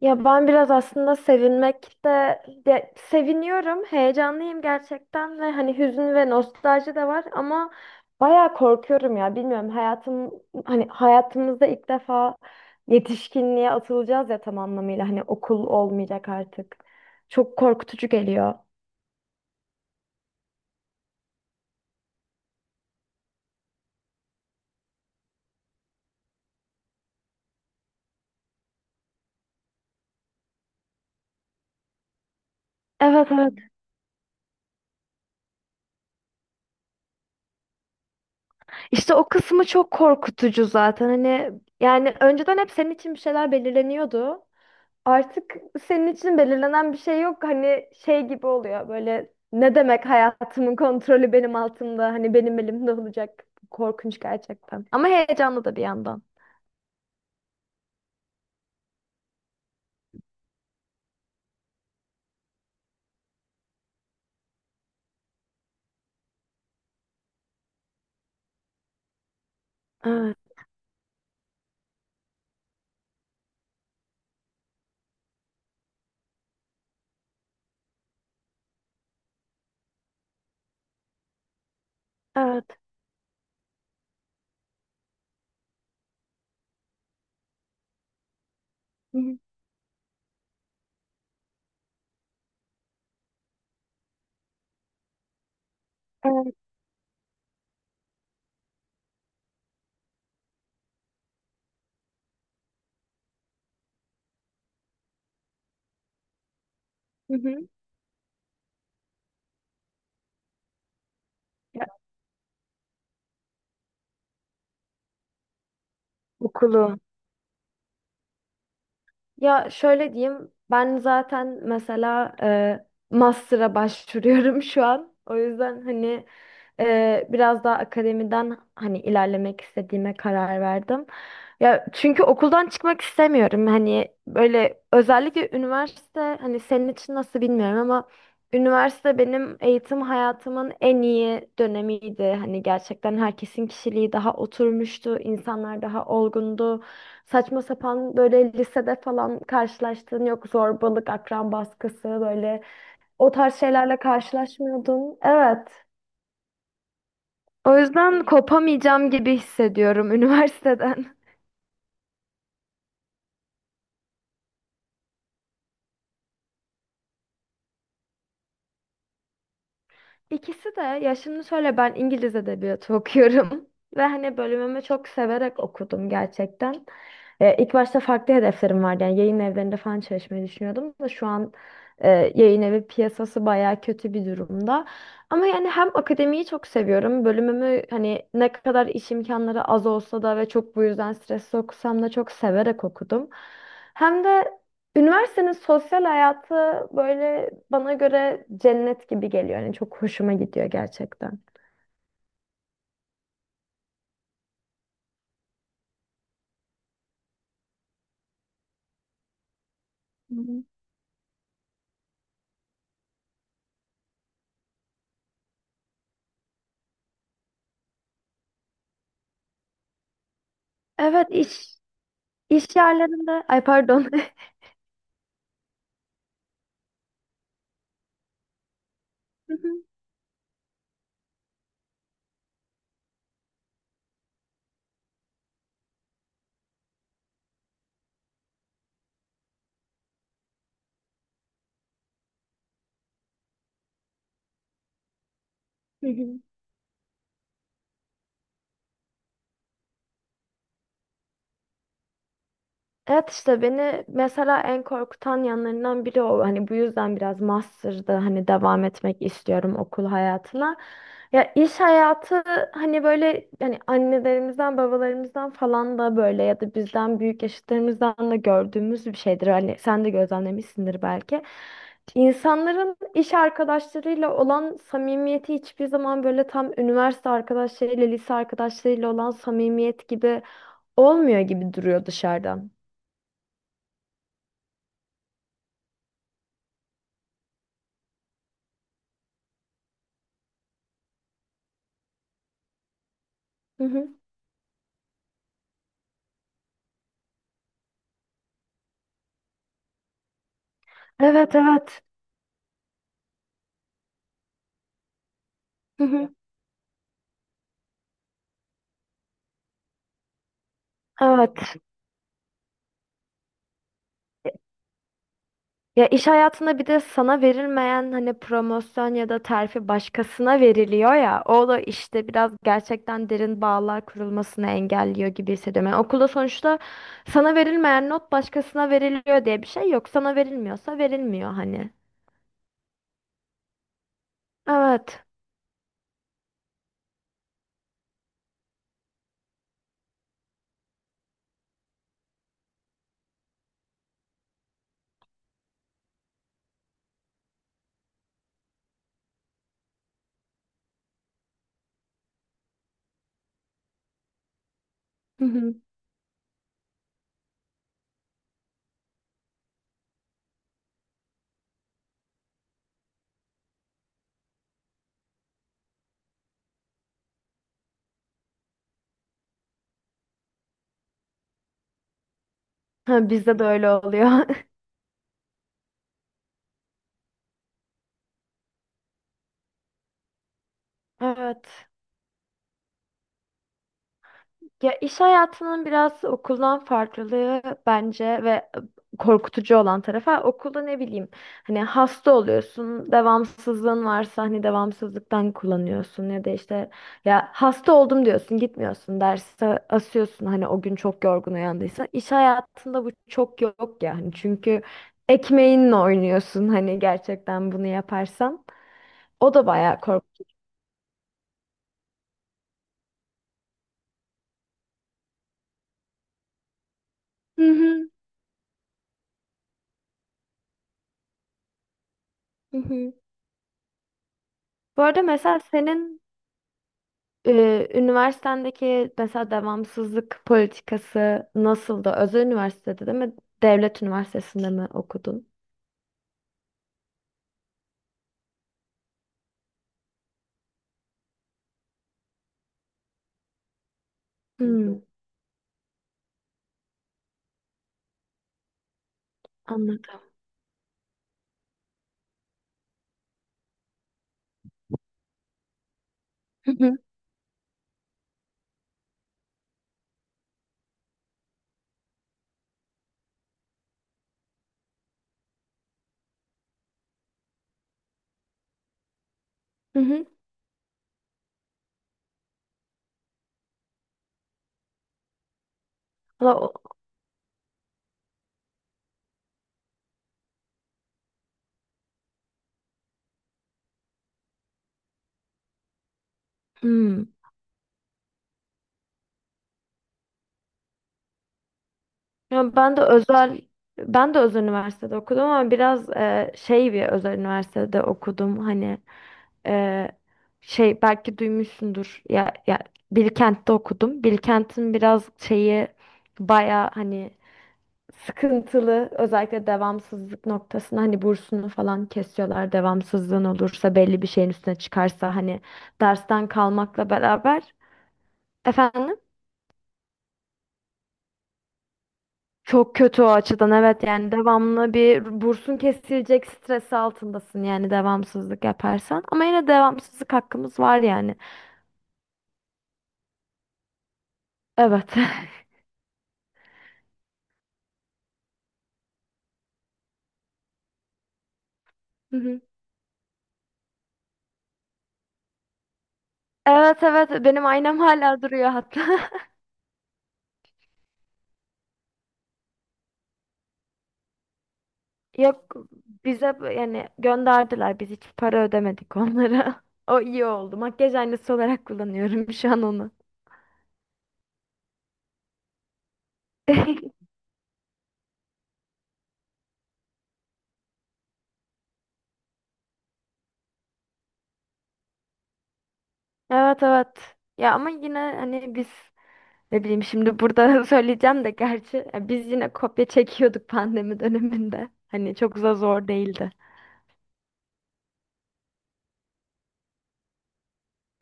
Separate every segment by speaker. Speaker 1: Ya ben biraz aslında ya seviniyorum, heyecanlıyım gerçekten ve hani hüzün ve nostalji de var, ama bayağı korkuyorum ya, bilmiyorum, hani hayatımızda ilk defa yetişkinliğe atılacağız ya, tam anlamıyla hani okul olmayacak artık. Çok korkutucu geliyor. Evet, evet. İşte o kısmı çok korkutucu zaten. Hani yani önceden hep senin için bir şeyler belirleniyordu. Artık senin için belirlenen bir şey yok. Hani şey gibi oluyor böyle, ne demek hayatımın kontrolü benim altımda. Hani benim elimde olacak. Korkunç gerçekten. Ama heyecanlı da bir yandan. Evet. Evet. Hı hı. Evet. Hı hı. Ya, okulu. Ya şöyle diyeyim, ben zaten mesela master'a başvuruyorum şu an. O yüzden hani biraz daha akademiden hani ilerlemek istediğime karar verdim. Ya çünkü okuldan çıkmak istemiyorum. Hani böyle özellikle üniversite, hani senin için nasıl bilmiyorum ama üniversite benim eğitim hayatımın en iyi dönemiydi. Hani gerçekten herkesin kişiliği daha oturmuştu, insanlar daha olgundu. Saçma sapan böyle lisede falan karşılaştığın yok zorbalık, akran baskısı, böyle o tarz şeylerle karşılaşmıyordun. Evet. O yüzden kopamayacağım gibi hissediyorum üniversiteden. İkisi de. Ya şimdi şöyle, ben İngiliz edebiyatı okuyorum ve hani bölümümü çok severek okudum gerçekten. İlk başta farklı hedeflerim vardı, yani yayın evlerinde falan çalışmayı düşünüyordum da şu an e, yayın evi piyasası bayağı kötü bir durumda. Ama yani hem akademiyi çok seviyorum, bölümümü hani ne kadar iş imkanları az olsa da ve çok bu yüzden stresli okusam da çok severek okudum. Hem de üniversitenin sosyal hayatı böyle bana göre cennet gibi geliyor. Yani çok hoşuma gidiyor gerçekten. Hı hı. Evet, iş yerlerinde, ay pardon. Hı hı. Evet, işte beni mesela en korkutan yanlarından biri o. Hani bu yüzden biraz master'da hani devam etmek istiyorum okul hayatına. Ya iş hayatı, hani böyle hani annelerimizden babalarımızdan falan da, böyle ya da bizden büyük yaşıtlarımızdan da gördüğümüz bir şeydir. Hani sen de gözlemlemişsindir belki. İnsanların iş arkadaşlarıyla olan samimiyeti hiçbir zaman böyle tam üniversite arkadaşlarıyla, lise arkadaşlarıyla olan samimiyet gibi olmuyor gibi duruyor dışarıdan. Hı hı. Evet, evet. Hı hı. Evet. Ya iş hayatında bir de sana verilmeyen hani promosyon ya da terfi başkasına veriliyor ya. O da işte biraz gerçekten derin bağlar kurulmasını engelliyor gibi hissediyorum. Yani okulda sonuçta sana verilmeyen not başkasına veriliyor diye bir şey yok. Sana verilmiyorsa verilmiyor hani. Evet. Hı hı. Ha, bizde de öyle oluyor. Evet. Ya iş hayatının biraz okuldan farklılığı bence ve korkutucu olan tarafı, okulda ne bileyim, hani hasta oluyorsun, devamsızlığın varsa hani devamsızlıktan kullanıyorsun ya da işte, ya hasta oldum diyorsun, gitmiyorsun derse asıyorsun hani o gün çok yorgun uyandıysa, iş hayatında bu çok yok yani, çünkü ekmeğinle oynuyorsun hani gerçekten bunu yaparsan, o da bayağı korkutucu. Hı hı. Hı hı. Bu arada mesela senin üniversitendeki mesela devamsızlık politikası nasıldı? Özel üniversitede değil mi? Devlet üniversitesinde mi okudun? Hmm, anladım. Hı hı. Hı hı. Valla hmm. Ya ben de özel üniversitede okudum, ama biraz şey bir özel üniversitede okudum. Hani e, şey belki duymuşsundur. Ya, Bilkent'te okudum. Bilkent'in biraz şeyi baya hani sıkıntılı, özellikle devamsızlık noktasında hani bursunu falan kesiyorlar. Devamsızlığın olursa belli bir şeyin üstüne çıkarsa hani dersten kalmakla beraber, efendim, çok kötü o açıdan. Evet, yani devamlı bir bursun kesilecek stresi altındasın yani devamsızlık yaparsan, ama yine devamsızlık hakkımız var yani. Evet. Hı hı. Evet, evet, benim aynam hala duruyor hatta. Yok, yani gönderdiler. Biz hiç para ödemedik onlara. O iyi oldu. Makyaj aynası olarak kullanıyorum şu an onu. Evet, evet. Ya ama yine hani biz ne bileyim, şimdi burada söyleyeceğim de gerçi, ya biz yine kopya çekiyorduk pandemi döneminde. Hani çok da zor değildi.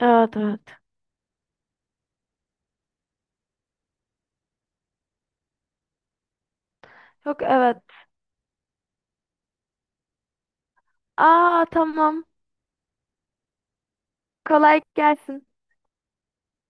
Speaker 1: Evet, evet. Yok, evet. Aa, tamam. Kolay gelsin.